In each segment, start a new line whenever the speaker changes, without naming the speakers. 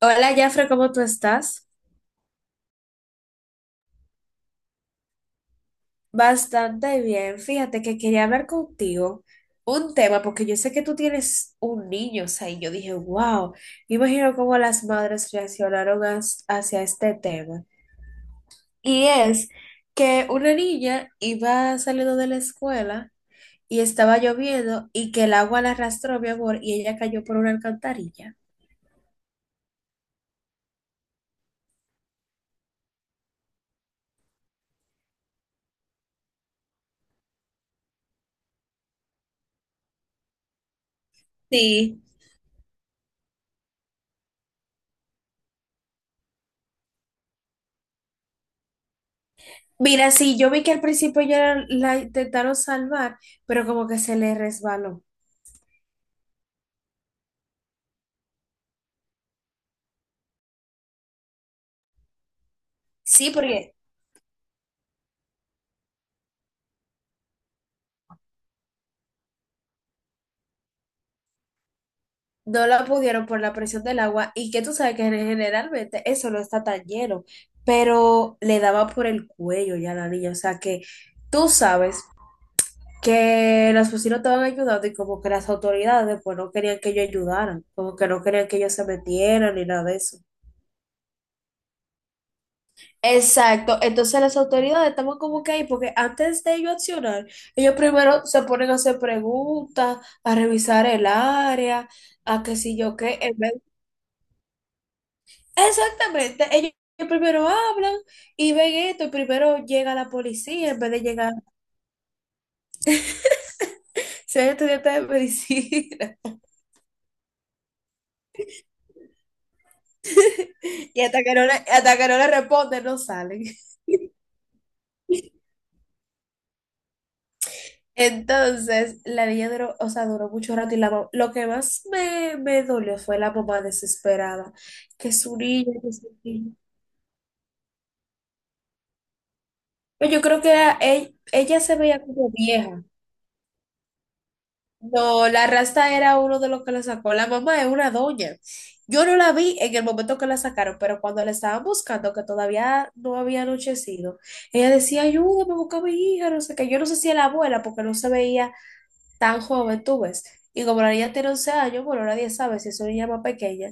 Hola, Jafre, ¿cómo tú estás? Bastante bien. Fíjate que quería hablar contigo un tema, porque yo sé que tú tienes un niño, o sea, y yo dije, wow, me imagino cómo las madres reaccionaron hacia este tema. Y es que una niña iba saliendo de la escuela y estaba lloviendo y que el agua la arrastró, mi amor, y ella cayó por una alcantarilla. Sí. Mira, sí, yo vi que al principio ya la intentaron salvar, pero como que se le resbaló. Sí, porque no la pudieron por la presión del agua y que tú sabes que generalmente eso no está tan lleno, pero le daba por el cuello ya a la niña, o sea que tú sabes que las vecinos estaban ayudando y como que las autoridades pues no querían que ellos ayudaran, como que no querían que ellos se metieran ni nada de eso. Exacto, entonces las autoridades estamos como que ahí, porque antes de ellos accionar, ellos primero se ponen a hacer preguntas, a revisar el área, a qué sé yo qué, en vez. Exactamente, ellos primero hablan y ven esto, y primero llega la policía en vez de llegar, ser estudiantes de medicina, y hasta que no le responden, no salen. Entonces, la niña duró, o sea, duró mucho rato y lo que más me dolió fue la mamá desesperada, que su niña, que su niña. Pero yo creo que ella se veía como vieja. No, la rasta era uno de los que la sacó. La mamá es una doña. Yo no la vi en el momento que la sacaron, pero cuando la estaban buscando, que todavía no había anochecido, ella decía, ayúdame, busca a mi hija, no sé qué. Yo no sé si era la abuela, porque no se veía tan joven, tú ves. Y como la niña tiene 11 años, bueno, nadie sabe si es una niña más pequeña.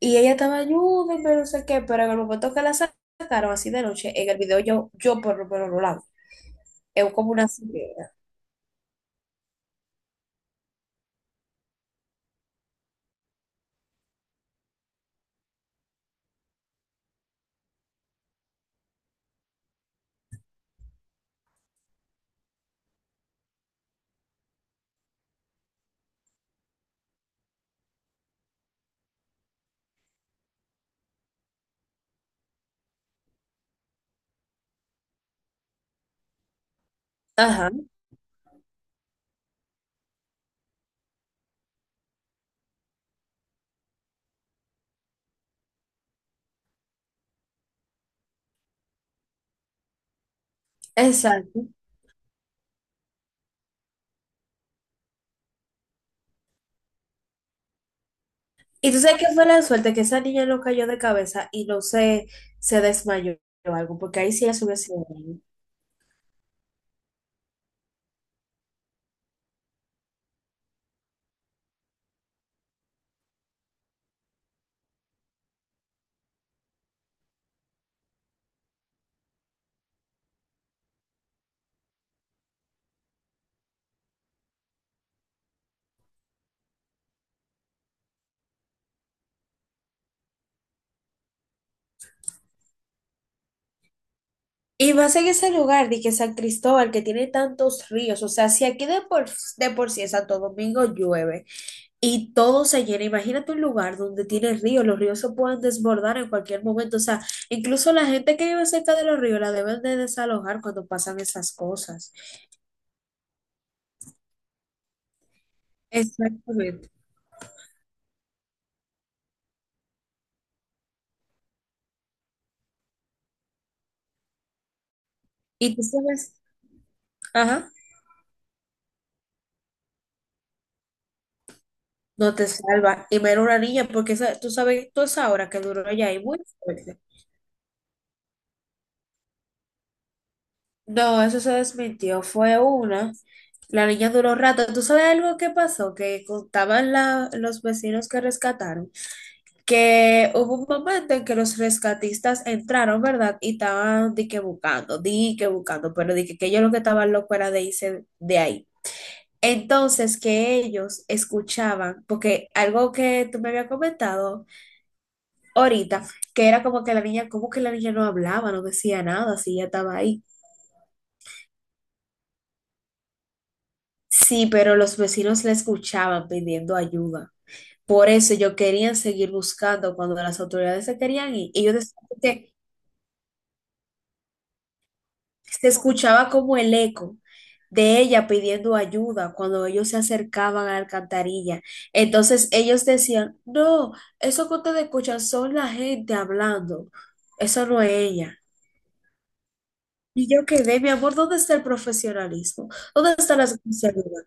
Y ella estaba, ayúdame, no sé qué, pero en el momento que la sacaron, así de noche, en el video yo, yo por lo menos no la vi. Es como una señora. Ajá, exacto. Y tú sabes que fue la suerte que esa niña no cayó de cabeza y no se, se desmayó o algo, porque ahí sí la hubiese sido grave. Y más en ese lugar, de que San Cristóbal, que tiene tantos ríos, o sea, si aquí de por sí en Santo Domingo llueve y todo se llena, imagínate un lugar donde tiene ríos, los ríos se pueden desbordar en cualquier momento, o sea, incluso la gente que vive cerca de los ríos la deben de desalojar cuando pasan esas cosas. Exactamente. Y tú sabes, ajá. No te salva. Y menos una niña, porque esa- tú sabes, tú esa hora que duró ya ahí muy fuerte. No, eso se desmintió. Fue una. La niña duró rato. ¿Tú sabes algo que pasó? Que contaban los vecinos que rescataron. Que hubo un momento en que los rescatistas entraron, ¿verdad? Y estaban di que buscando, pero que ellos lo que estaban locos era de irse de ahí. Entonces, que ellos escuchaban, porque algo que tú me habías comentado ahorita, que era como que la niña, como que la niña no hablaba, no decía nada, si ella estaba ahí. Sí, pero los vecinos la escuchaban pidiendo ayuda. Por eso ellos querían seguir buscando cuando las autoridades se querían ir. Ellos decían que se escuchaba como el eco de ella pidiendo ayuda cuando ellos se acercaban a la alcantarilla. Entonces ellos decían, no, eso que ustedes escuchan son la gente hablando, eso no es ella. Y yo quedé, mi amor, ¿dónde está el profesionalismo? ¿Dónde está la sinceridad?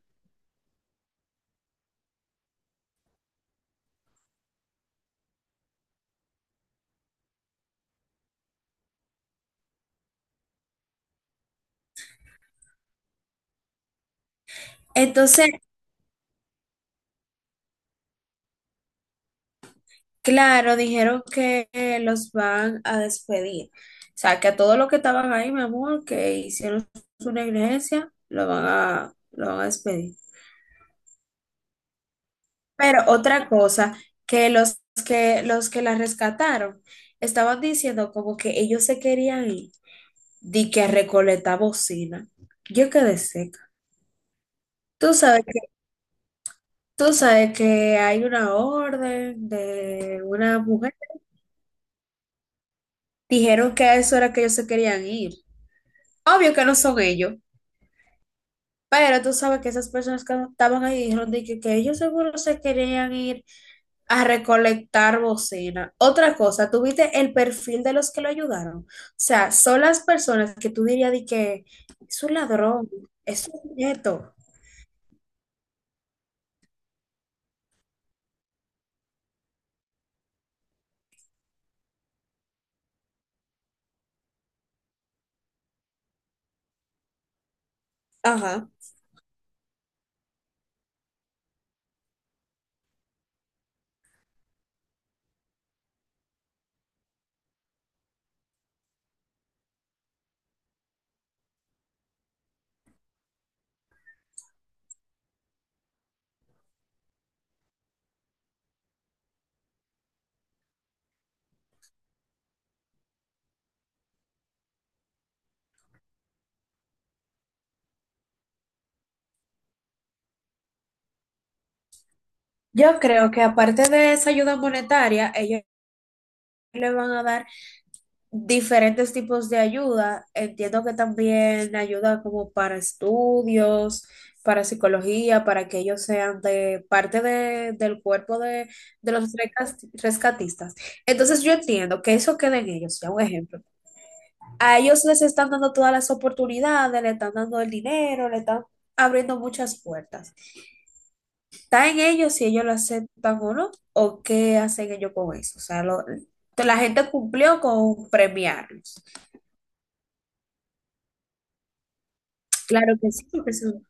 Entonces, claro, dijeron que los van a despedir. O sea, que a todos los que estaban ahí, mi amor, que hicieron su negligencia, lo van a despedir. Pero otra cosa, que los que la rescataron estaban diciendo como que ellos se querían ir, di que a recolectar bocina. Yo quedé seca. Tú sabes. Tú sabes que hay una orden de una mujer. Dijeron que a eso era que ellos se querían ir. Obvio que no son ellos, pero tú sabes que esas personas que estaban ahí dijeron que ellos seguro se querían ir a recolectar bocina. Otra cosa, ¿tuviste el perfil de los que lo ayudaron? O sea, son las personas que tú dirías de que es un ladrón, es un nieto. Ajá. Yo creo que aparte de esa ayuda monetaria, ellos le van a dar diferentes tipos de ayuda. Entiendo que también ayuda como para estudios, para psicología, para que ellos sean del cuerpo de los rescatistas. Entonces yo entiendo que eso queda en ellos, ya un ejemplo. A ellos les están dando todas las oportunidades, le están dando el dinero, le están abriendo muchas puertas. Está en ellos si ellos lo aceptan o no, o qué hacen ellos con eso. O sea, la gente cumplió con premiarlos. Claro que sí, porque son-.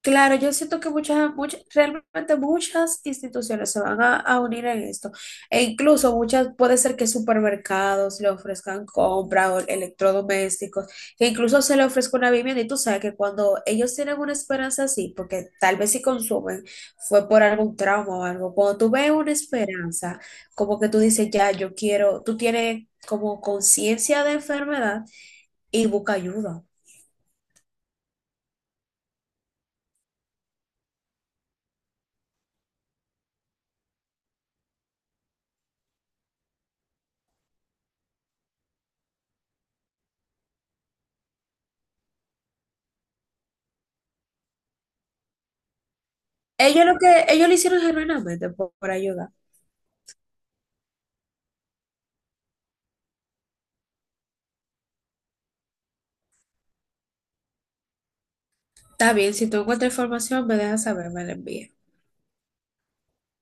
Claro, yo siento que muchas, muchas, realmente muchas instituciones se van a unir en esto. E incluso muchas, puede ser que supermercados le ofrezcan compra o electrodomésticos, que incluso se le ofrezca una vivienda. Y tú sabes que cuando ellos tienen una esperanza así, porque tal vez si consumen, fue por algún trauma o algo. Cuando tú ves una esperanza, como que tú dices, ya, yo quiero, tú tienes como conciencia de enfermedad y busca ayuda. Ellos lo hicieron genuinamente por ayudar. Está bien, si tú encuentras información, me dejas saber, me la envías.